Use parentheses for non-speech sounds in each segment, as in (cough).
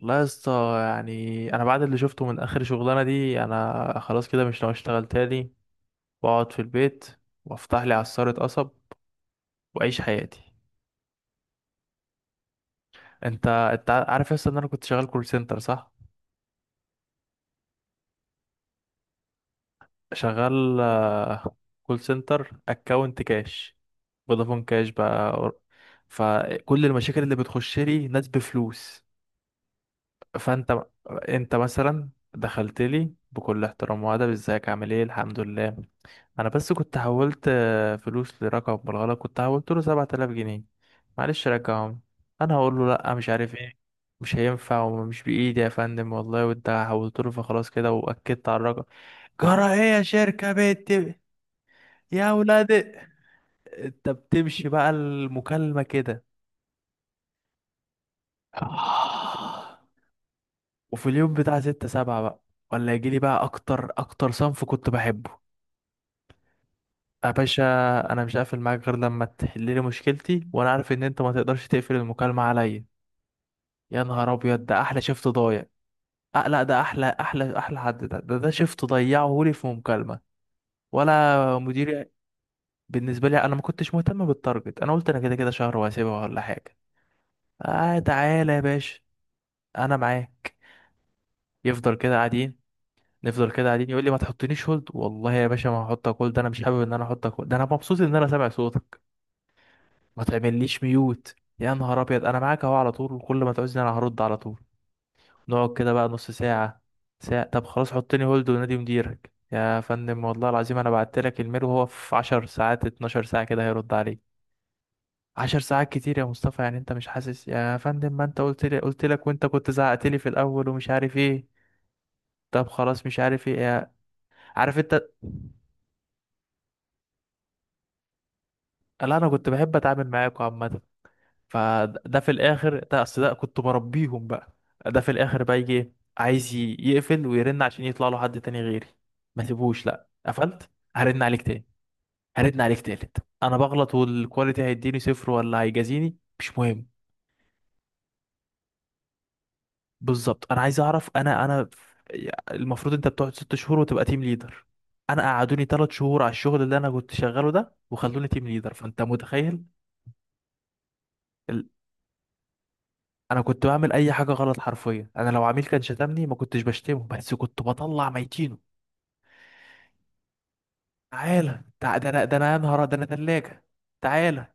لا يا اسطى. يعني انا بعد اللي شفته من اخر شغلانه دي انا خلاص كده مش ناوي اشتغل تاني، واقعد في البيت، وافتح لي عصاره قصب، واعيش حياتي. انت عارف يا اسطى ان انا كنت شغال كول سنتر صح؟ شغال، كول سنتر اكونت كاش، فودافون كاش بقى. فكل المشاكل اللي بتخش لي ناس بفلوس. فانت انت مثلا دخلت لي بكل احترام وادب، ازيك عامل ايه الحمد لله. انا بس كنت حولت فلوس لرقم بالغلط، كنت حولت له 7000 جنيه، معلش رجعهم. انا هقول له لا مش عارف ايه، مش هينفع ومش بايدي يا فندم والله، وانت حولت له فخلاص كده واكدت على الرقم. جرى ايه يا شركة بنت، يا ولاد؟ انت بتمشي بقى المكالمة كده؟ (sighs) وفي اليوم بتاع ستة سبعة بقى، ولا يجيلي بقى أكتر أكتر صنف كنت بحبه. يا باشا، أنا مش هقفل معاك غير لما تحللي مشكلتي، وأنا عارف إن أنت ما تقدرش تقفل المكالمة عليا. يا نهار أبيض ده أحلى شفت ضايع. أه لا، ده أحلى أحلى أحلى حد، ده شفت ضيعه لي في مكالمة ولا مديري. بالنسبة لي أنا ما كنتش مهتم بالتارجت، أنا قلت أنا كده كده شهر وهسيبها ولا حاجة. آه تعالى يا باشا، أنا معاك. يفضل كده قاعدين، نفضل كده قاعدين، يقول لي ما تحطنيش هولد، والله يا باشا ما هحطك هولد، انا مش حابب ان انا احطك هولد، ده انا مبسوط ان انا سامع صوتك. ما تعمليش ميوت يا نهار ابيض، انا معاك اهو على طول، وكل ما تعوزني انا هرد على طول. نقعد كده بقى نص ساعة، ساعة. طب خلاص حطني هولد ونادي مديرك يا فندم، والله العظيم انا بعت لك الميل وهو في 10 ساعات 12 ساعة كده هيرد عليك. 10 ساعات كتير يا مصطفى، يعني انت مش حاسس يا فندم؟ ما انت قلت لي قلت لك، وانت كنت زعقت لي في الاول ومش عارف ايه. طب خلاص مش عارف ايه يا... عارف انت؟ لا انا كنت بحب اتعامل معاكم عامه، فده في الاخر، ده اصل ده كنت بربيهم بقى. ده في الاخر بقى يجي إيه؟ عايز يقفل ويرن عشان يطلع له حد تاني غيري. ما سيبوش، لا قفلت، هرن عليك تاني، هرن عليك تالت، انا بغلط والكواليتي هيديني صفر ولا هيجازيني مش مهم. بالظبط انا عايز اعرف انا. المفروض انت بتقعد 6 شهور وتبقى تيم ليدر، انا قعدوني 3 شهور على الشغل اللي انا كنت شغاله ده وخلوني تيم ليدر، فانت متخيل. انا كنت بعمل اي حاجه غلط حرفيا؟ انا لو عميل كان شتمني ما كنتش بشتمه، بس كنت بطلع ميتينه. ده انا ده انا يا نهار، ده انا ثلاجه. تعالى.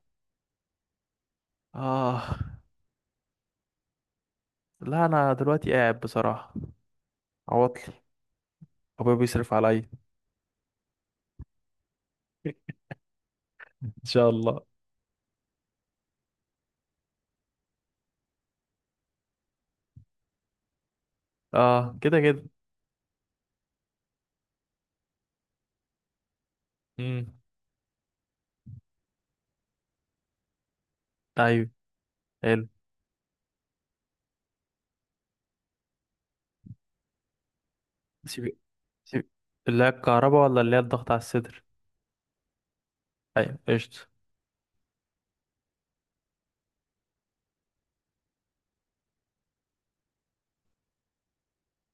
اه لا، انا دلوقتي قاعد بصراحه، عواطلي، ابويا بيصرف عليا. ان شاء الله. اه كده كده. امم. ايوه، حلو. سيب، سيب، اللي هي الكهرباء ولا اللي هي الضغط على الصدر؟ ايوه قشطه.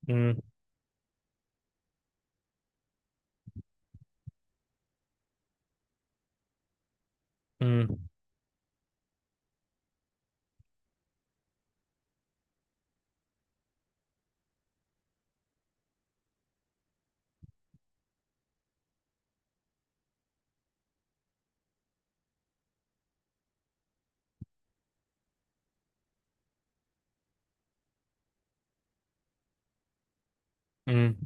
امم. امم. امم.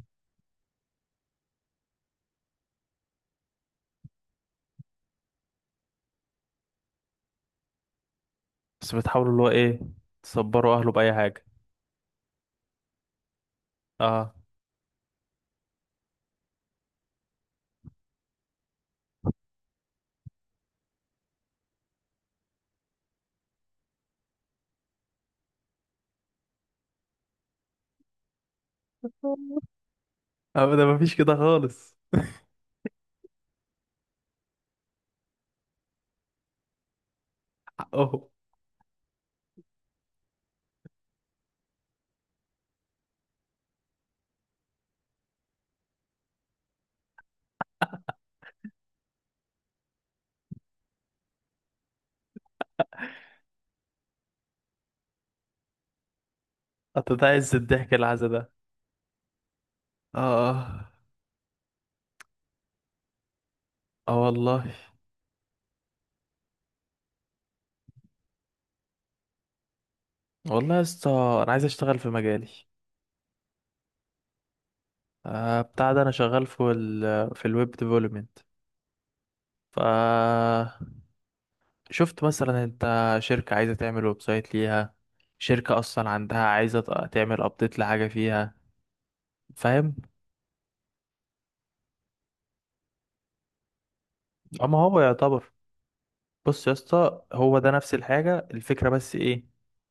بس بتحاولوا اللي هو ايه، تصبروا اهله باي حاجه؟ اه. (laughs) ابدا مفيش كده خالص. اهو. هتتعز الضحك العزا ده؟ اه اه. آه والله. والله يا اسطى، انا عايز اشتغل في مجالي. آه بتاع ده، انا شغال في ال، في الويب ديفلوبمنت. ف شفت مثلا انت، شركة عايزة تعمل ويب سايت ليها، شركة اصلا عندها عايزة تعمل ابديت لحاجة فيها، فاهم. اما هو يعتبر، بص يا اسطى هو ده نفس الحاجة الفكرة، بس ايه،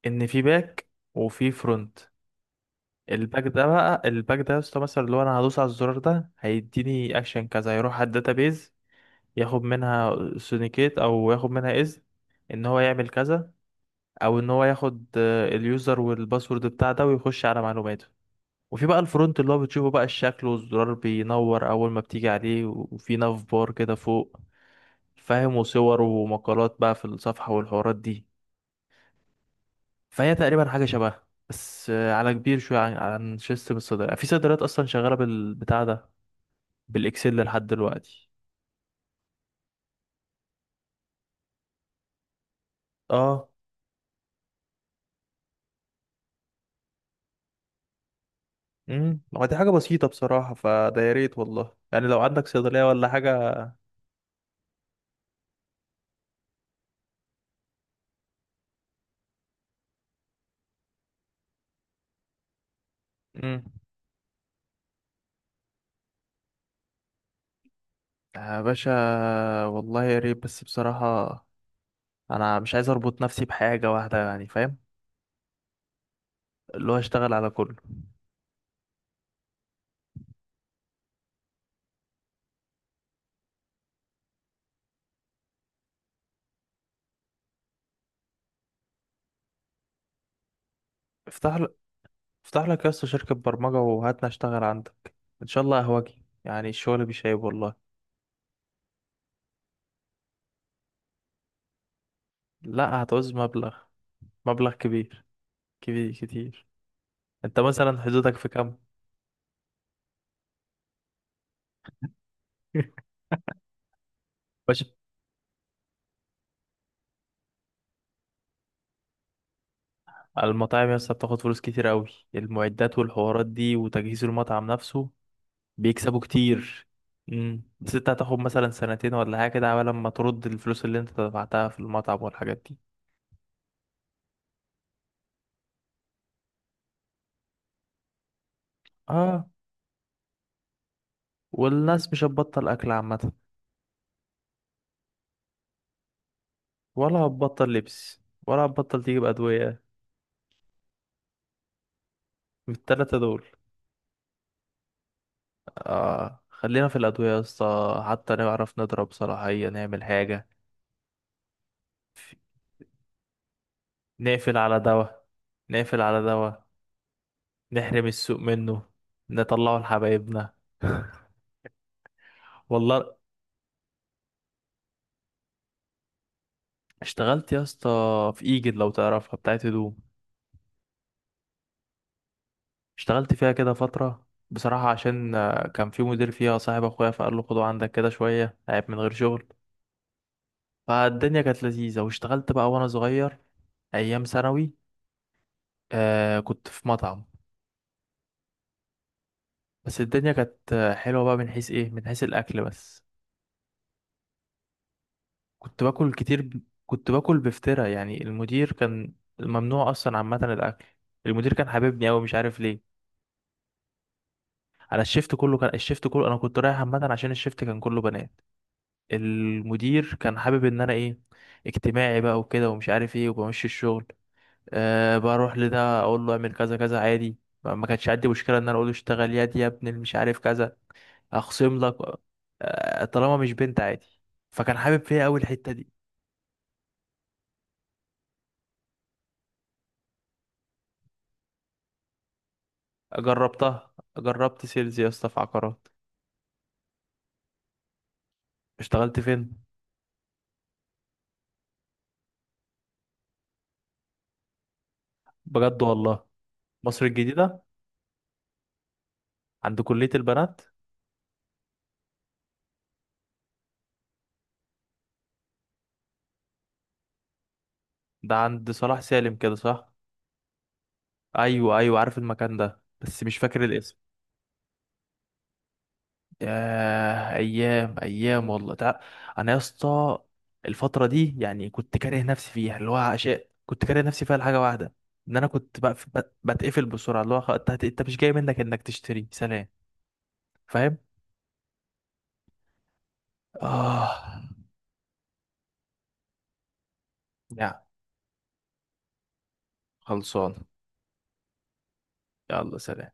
ان في باك وفي فرونت. الباك ده بقى، الباك ده يا اسطى مثلا، اللي هو انا هدوس على الزرار ده هيديني اكشن كذا، هيروح على الداتابيز، ياخد منها سونيكيت او ياخد منها اذن ان هو يعمل كذا، او ان هو ياخد اليوزر والباسورد بتاع ده ويخش على معلوماته. وفي بقى الفرونت، اللي هو بتشوفه بقى الشكل، والزرار بينور اول ما بتيجي عليه، وفي ناف بار كده فوق، فاهم، وصور ومقالات بقى في الصفحة والحوارات دي. فهي تقريبا حاجة شبهها، بس على كبير شوية، عن سيستم الصيدلة، في صيدليات أصلا شغالة بالبتاع ده، بالاكسل لحد دلوقتي. اه. امم. هو دي حاجه بسيطه بصراحه، فده يا ريت والله، يعني لو عندك صيدليه ولا حاجه. امم. يا باشا، والله يا ريت، بس بصراحه انا مش عايز اربط نفسي بحاجه واحده، يعني فاهم، اللي هو اشتغل على كله. افتح لك افتح لك يا اسطى شركه برمجه وهاتنا اشتغل عندك، ان شاء الله اهواجي، يعني الشغل بيشيب والله. لا هتعوز مبلغ كبير، كبير كتير. انت مثلا حدودك في كام؟ (laughs) باشا، المطاعم يا اسطى بتاخد فلوس كتير قوي، المعدات والحوارات دي وتجهيز المطعم نفسه. بيكسبوا كتير. امم، بس انت هتاخد مثلا سنتين ولا حاجه كده عبال ما ترد الفلوس اللي انت دفعتها في المطعم والحاجات دي. اه. والناس مش هتبطل اكل عامه، ولا هتبطل لبس، ولا هتبطل تجيب ادويه. من التلاته دول، اه خلينا في الادويه يا اسطى، حتى نعرف نضرب صلاحيه نعمل حاجه. نقفل على دواء نقفل على دواء، نحرم السوق منه، نطلعه لحبايبنا. (laughs) والله اشتغلت يا اسطى في ايجد لو تعرفها، بتاعت هدوم. اشتغلت فيها كده فترة بصراحة، عشان كان في مدير فيها صاحب اخويا، فقال له خده عندك كده شوية عيب من غير شغل. فالدنيا كانت لذيذة واشتغلت بقى وانا صغير، ايام ثانوي. آه كنت في مطعم، بس الدنيا كانت حلوة بقى، من حيث ايه، من حيث الاكل بس. كنت باكل كتير، كنت باكل بفترة يعني، المدير كان ممنوع اصلا عامة الاكل. المدير كان حاببني اوي مش عارف ليه، على الشيفت كله، كان الشيفت كله انا كنت رايح عامة، عشان الشيفت كان كله بنات، المدير كان حابب ان انا ايه، اجتماعي بقى وكده ومش عارف ايه، وبمشي الشغل. أه بروح لده اقول له اعمل كذا كذا عادي. ما ما كانش عندي مشكلة ان انا اقول له اشتغل يدي يا ابني مش عارف كذا، اخصم لك. أه طالما مش بنت عادي. فكان حابب فيا اوي الحتة دي. جربتها، جربت سيلز يا اسطى في عقارات. اشتغلت فين؟ بجد والله. مصر الجديدة، عند كلية البنات. ده عند صلاح سالم كده صح؟ ايوه ايوه، عارف المكان ده بس مش فاكر الاسم. ياه ايام ايام والله. تع... انا يا اسطى، الفترة دي يعني كنت كاره نفسي فيها، اللي هو عشاء، كنت كاره نفسي فيها لحاجة واحدة، ان انا كنت بتقفل بسرعة اللي هو انت مش جاي منك انك تشتري سلام. فاهم. اه، يا، خلصان. يلا سلام.